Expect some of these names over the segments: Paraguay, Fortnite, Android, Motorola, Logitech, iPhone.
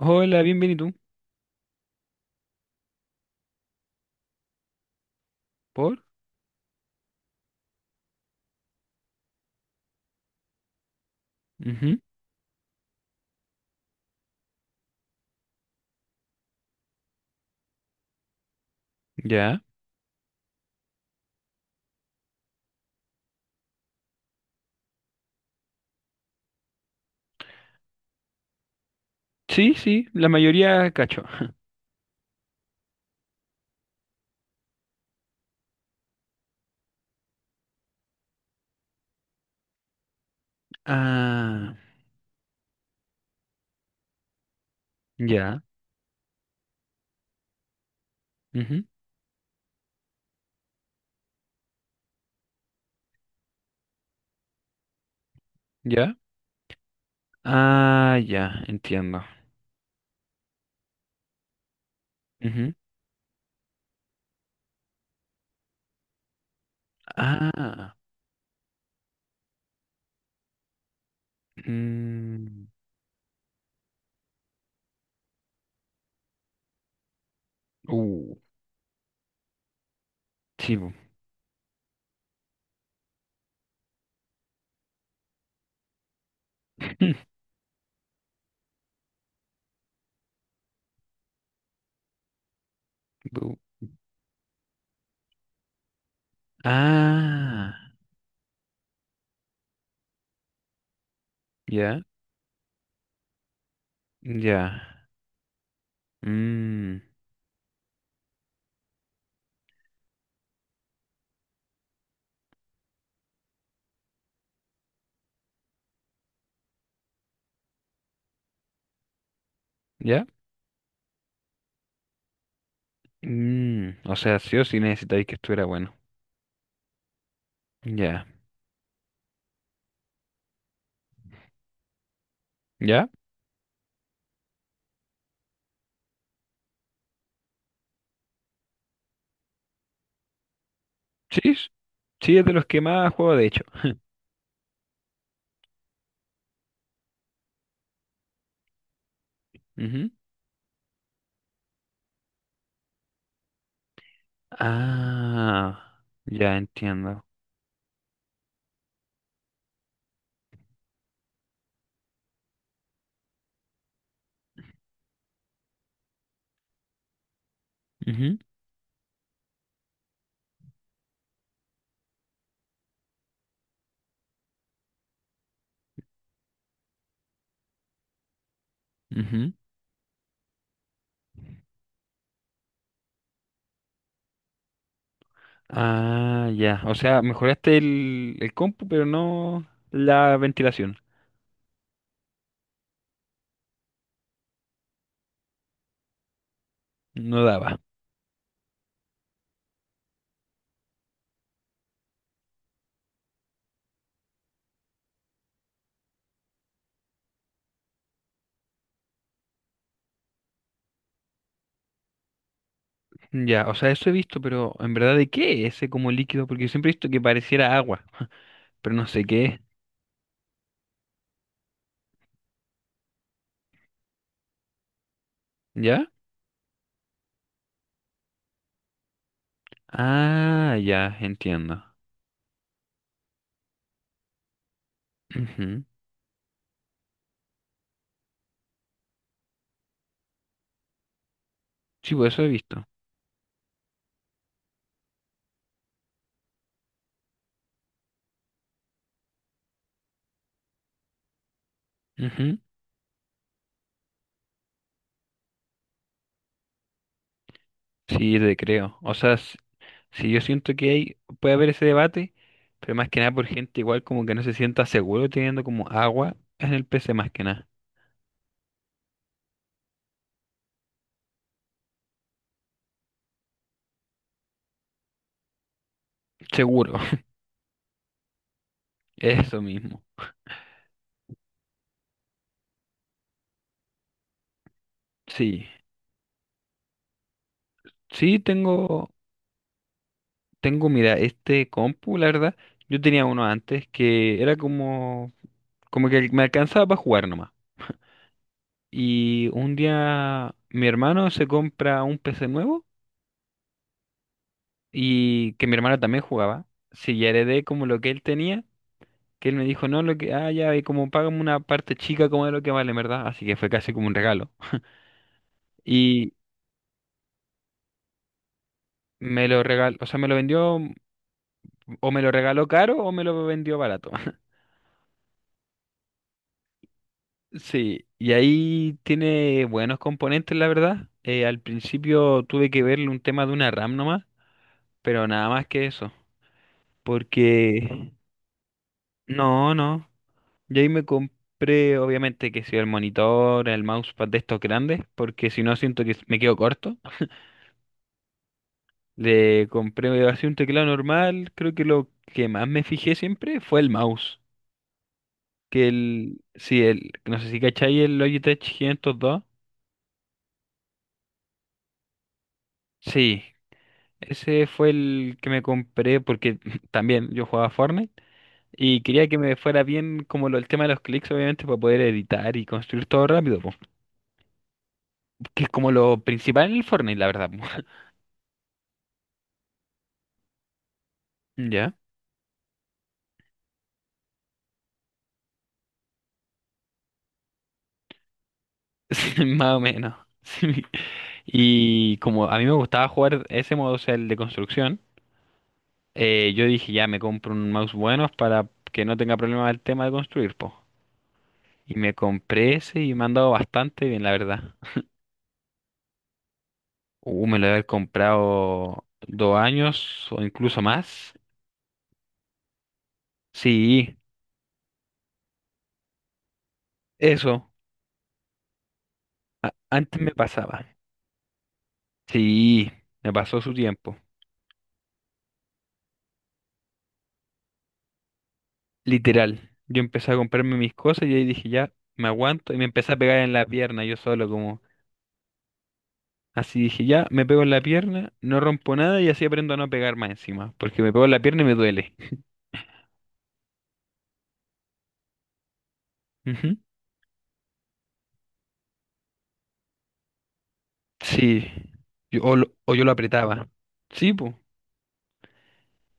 Hola, bienvenido. ¿Por? Ujú. Ya. Sí, sí, la mayoría cacho. Ah, ya. Ujú. Ya. Ah, ya, entiendo. Ujú. Ah. Mm. Uh. Sí. Bu. Bu. Ah, ya, ya. Mm. Ya. Mm, o sea, sí o sí necesitáis que estuviera bueno. Ya. ¿Ya? Sí, sí, es de los que más juego, de hecho. Ujú. Ah, ya entiendo. Ujú. Ujú. Ah, ya. O sea, mejoraste el compu, pero no la ventilación. No daba. Ya, o sea, eso he visto, pero en verdad, ¿de qué es ese como líquido? Porque siempre he visto que pareciera agua, pero no sé qué es. ¿Ya? Ah, ya, entiendo. Ujú. Sí, pues eso he visto. Ujú. Sí, te creo. O sea, sí, yo siento que hay, puede haber ese debate, pero más que nada por gente igual como que no se sienta seguro teniendo como agua en el PC, más que nada. Seguro. Eso mismo. Sí, sí tengo, tengo, mira, este compu, la verdad, yo tenía uno antes que era como, como que me alcanzaba para jugar nomás. Y un día mi hermano se compra un PC nuevo y que mi hermano también jugaba. Sí, ya heredé como lo que él tenía, que él me dijo, no, lo que, ah, ya, y como págame una parte chica como de lo que vale, en ¿verdad? Así que fue casi como un regalo. Y me lo regaló, o sea, me lo vendió, o me lo regaló caro o me lo vendió barato. Sí, y ahí tiene buenos componentes, la verdad. Al principio tuve que verle un tema de una RAM nomás, pero nada más que eso. Porque no, no. Y ahí me compré, obviamente, que si el monitor, el mousepad de estos grandes, porque si no siento que me quedo corto. Le compré así un teclado normal. Creo que lo que más me fijé siempre fue el mouse. Que el, sí, el, no sé si cacháis el Logitech 502. Sí. Ese fue el que me compré porque también yo jugaba Fortnite y quería que me fuera bien como el tema de los clics, obviamente, para poder editar y construir todo rápido, po, que es como lo principal en el Fortnite, la verdad. Po. ¿Ya? Sí, más o menos. Sí. Y como a mí me gustaba jugar ese modo, o sea, el de construcción, yo dije, ya me compro un mouse bueno para que no tenga problema el tema de construir, po. Y me compré ese y me han dado bastante bien, la verdad. Me lo haber comprado 2 años o incluso más. Sí, eso. Antes me pasaba. Sí, me pasó su tiempo. Literal. Yo empecé a comprarme mis cosas y ahí dije, ya, me aguanto. Y me empecé a pegar en la pierna yo solo, como. Así dije, ya, me pego en la pierna, no rompo nada y así aprendo a no pegar más encima. Porque me pego en la pierna y me duele. Ujú. Sí. Yo, o yo lo apretaba. Sí, pues.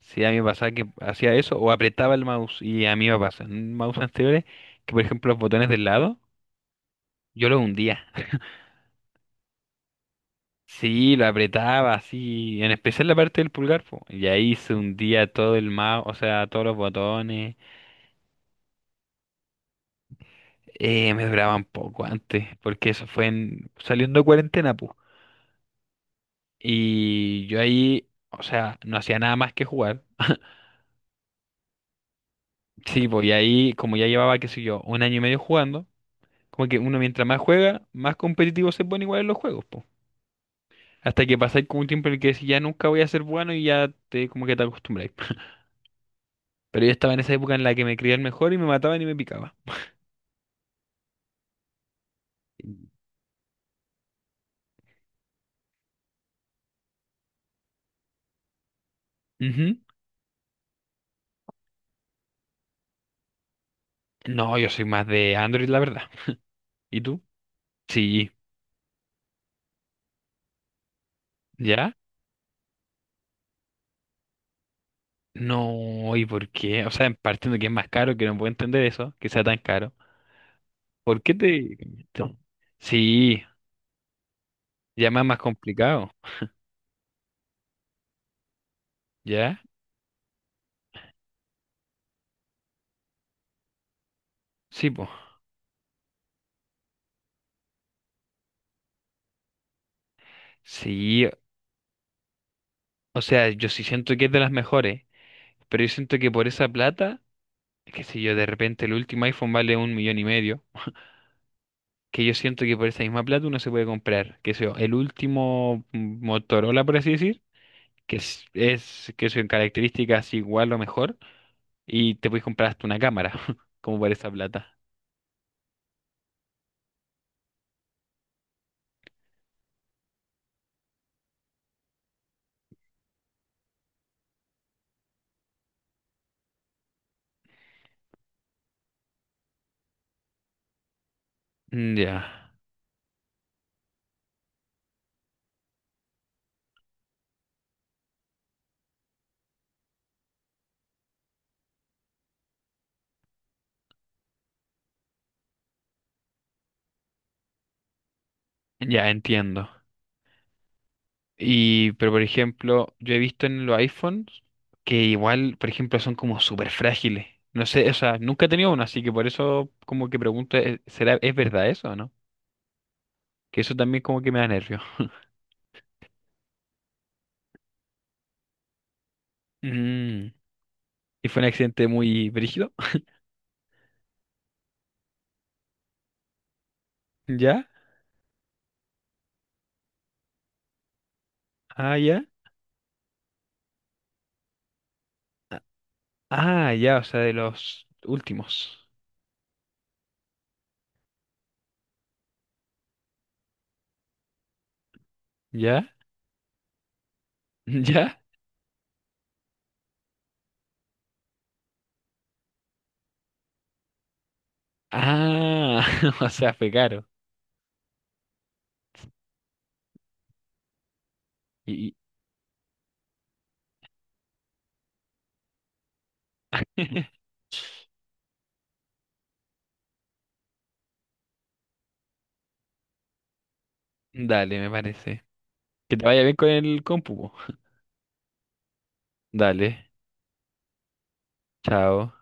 Sí, a mí me pasaba que hacía eso o apretaba el mouse y a mí me pasa. En mouse anteriores, que por ejemplo los botones del lado, yo los hundía. Sí, lo apretaba así, en especial la parte del pulgar, po, y ahí se hundía todo el mouse, o sea, todos los botones. Me duraban poco antes, porque eso fue en, saliendo de cuarentena, pues. Y yo ahí, o sea, no hacía nada más que jugar. Sí, pues y ahí, como ya llevaba, qué sé yo, 1 año y medio jugando, como que uno mientras más juega, más competitivo se pone igual en los juegos, pues. Hasta que pasáis como un tiempo en el que decís, ya nunca voy a ser bueno y ya te como que te acostumbráis. Pero yo estaba en esa época en la que me creía el mejor y me mataban y me picaba. Ujú. No, yo soy más de Android, la verdad. ¿Y tú? Sí. ¿Ya? No, ¿y por qué? O sea, partiendo que es más caro, que no puedo entender eso, que sea tan caro. ¿Por qué te...? ¿Cambiaste? Sí, ya más complicado. ¿Ya? Sí, pues. Sí, o sea, yo sí siento que es de las mejores, pero yo siento que por esa plata... Qué sé yo, de repente el último iPhone vale un millón y medio, que yo siento que por esa misma plata uno se puede comprar, qué sé yo, el último Motorola, por así decir, que es que son características igual o mejor, y te puedes comprar hasta una cámara, como por esa plata. Mm. Ya. Ya entiendo. Y, pero por ejemplo, yo he visto en los iPhones que igual, por ejemplo, son como súper frágiles. No sé, o sea, nunca he tenido uno, así que por eso como que pregunto, ¿será, es verdad eso o no? Que eso también como que me da nervios. Mm. Y fue un accidente muy brígido. ¿Ya? Ah, ya. Ah, ya, o sea, de los últimos. ¿Ya? ¿Ya? Ah, o sea, fue caro. Y... y- Dale, me parece. Que te vaya bien con el compu. Po. Dale. Chao.